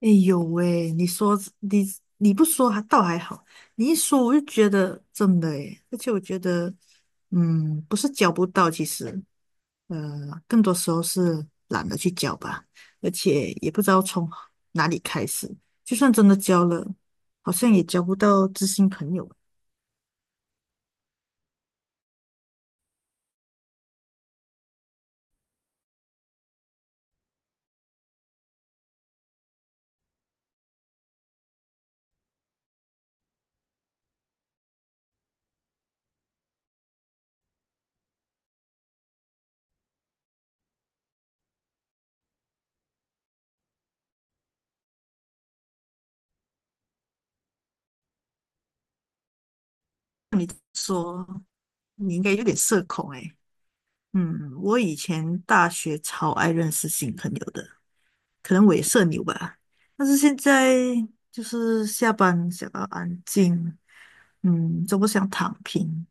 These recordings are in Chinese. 哎呦喂，你说你你不说还倒还好，你一说我就觉得真的诶，而且我觉得，嗯，不是交不到，其实，呃，更多时候是懒得去交吧，而且也不知道从哪里开始，就算真的交了，好像也交不到知心朋友。说你应该有点社恐诶。嗯，我以前大学超爱认识新朋友的。可能我也社牛吧。但是现在就是下班想要安静，嗯，都不想躺平，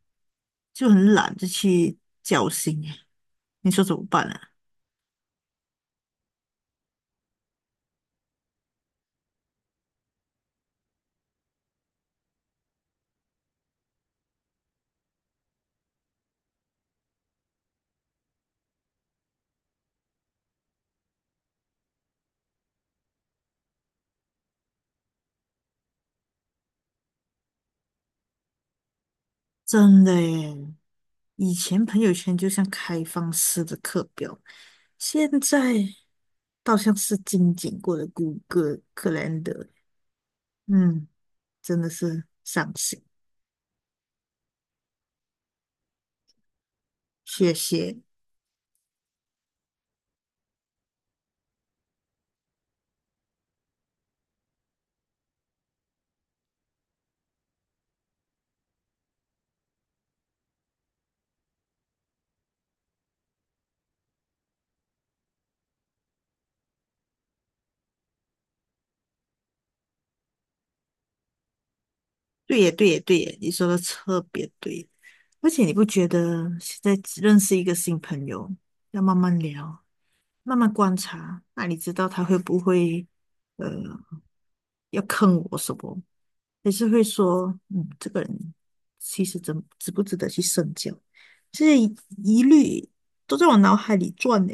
就很懒就去交心耶。你说怎么办啊？真的耶，以前朋友圈就像开放式的课表，现在倒像是精简过的谷歌克 ALE。 嗯，真的是伤心。谢谢。对耶，对耶，对耶，你说的特别对。而且你不觉得现在只认识一个新朋友，要慢慢聊，慢慢观察，那你知道他会不会呃要坑我什么，还是会说嗯这个人其实值不值得去深交，这些疑虑都在我脑海里转呢。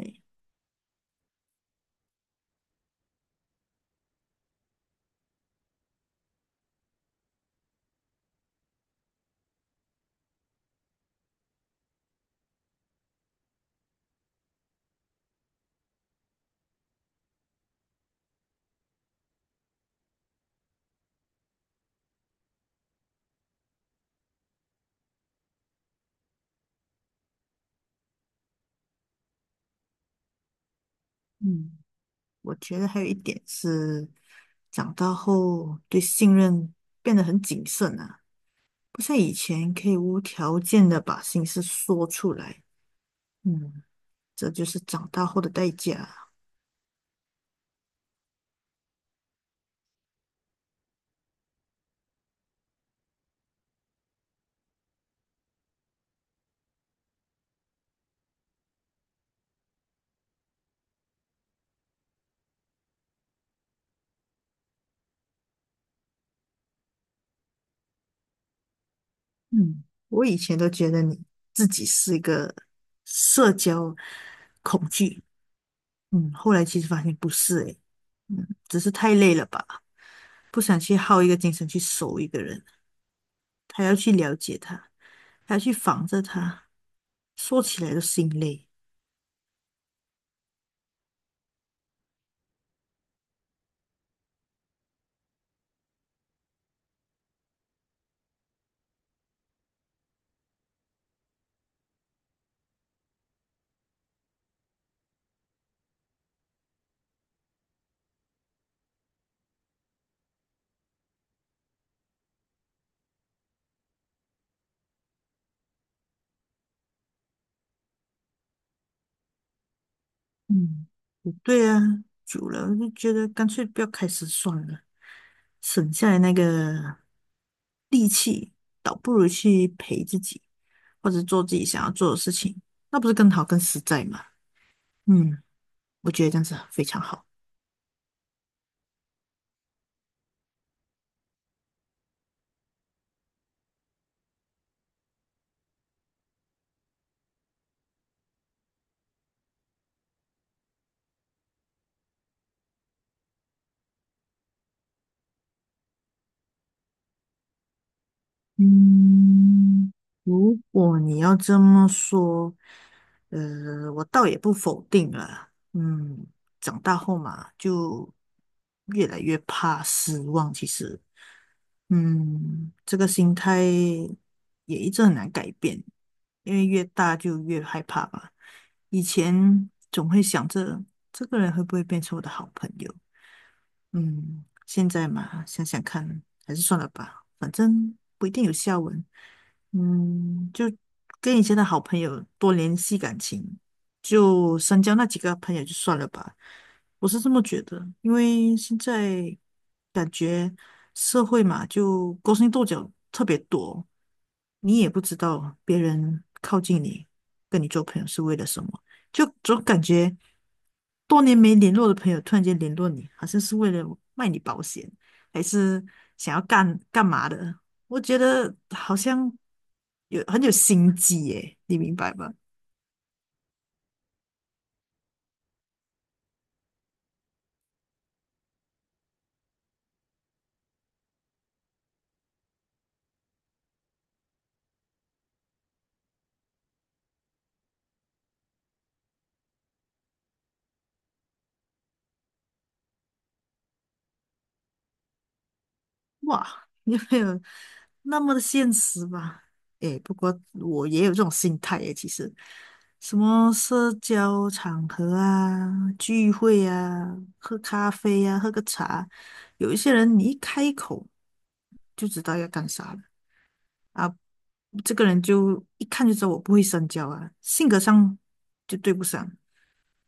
嗯，我觉得还有一点是长大后对信任变得很谨慎啊，不像以前可以无条件的把心事说出来。嗯。这就是长大后的代价。嗯，我以前都觉得你自己是一个社交恐惧，嗯，后来其实发现不是诶，嗯，只是太累了吧，不想去耗一个精神去熟一个人，还要去了解他，还要去防着他，说起来都心累。嗯。对呀，久了我就觉得干脆不要开始算了，省下来那个力气，倒不如去陪自己，或者做自己想要做的事情，那不是更好更实在吗？嗯，我觉得这样子非常好。嗯，如果你要这么说，我倒也不否定了。嗯，长大后嘛，就越来越怕失望，其实。嗯，这个心态也一直很难改变，因为越大就越害怕吧。以前总会想着这个人会不会变成我的好朋友，嗯，现在嘛，想想看，还是算了吧，反正不一定有下文。嗯，就跟以前的好朋友多联系感情，就深交那几个朋友就算了吧。我是这么觉得，因为现在感觉社会嘛，就勾心斗角特别多，你也不知道别人靠近你，跟你做朋友是为了什么。就总感觉多年没联络的朋友突然间联络你，好像是为了卖你保险，还是想要干干嘛的？我觉得好像有很有心机耶，你明白吗？哇，你没有那么的现实吧？诶，不过我也有这种心态诶，其实什么社交场合啊、聚会啊、喝咖啡啊、喝个茶，有一些人你一开口就知道要干啥了啊，这个人就一看就知道我不会深交啊，性格上就对不上，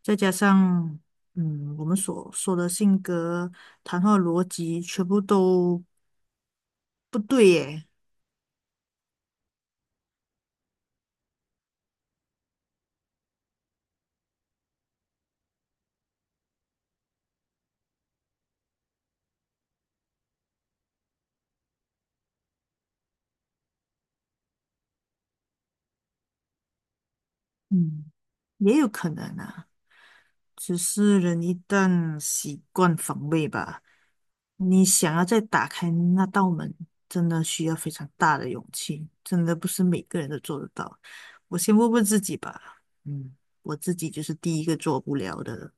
再加上嗯，我们所说的性格、谈话逻辑全部都不对耶。嗯，也有可能啊，只是人一旦习惯防卫吧，你想要再打开那道门，真的需要非常大的勇气，真的不是每个人都做得到。我先问问自己吧，嗯，我自己就是第一个做不了的。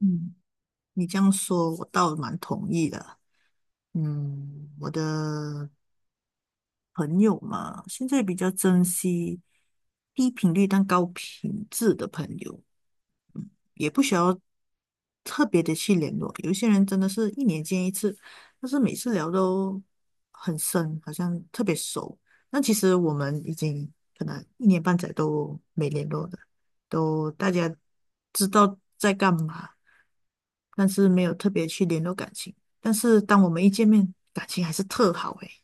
嗯，你这样说，我倒蛮同意的。嗯，我的朋友嘛，现在比较珍惜低频率但高品质的朋友。也不需要特别的去联络。有一些人真的是一年见一次，但是每次聊都很深，好像特别熟。那其实我们已经可能一年半载都没联络的，都大家知道在干嘛，但是没有特别去联络感情。但是当我们一见面，感情还是特好诶。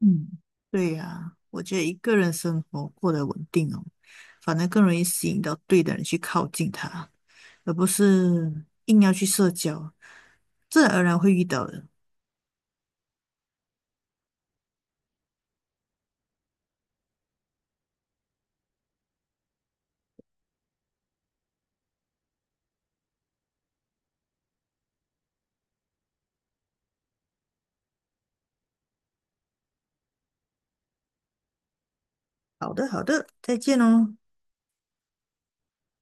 嗯，对呀，我觉得一个人生活过得稳定哦，反而更容易吸引到对的人去靠近他，而不是硬要去社交，自然而然会遇到的。好的，好的，再见哦。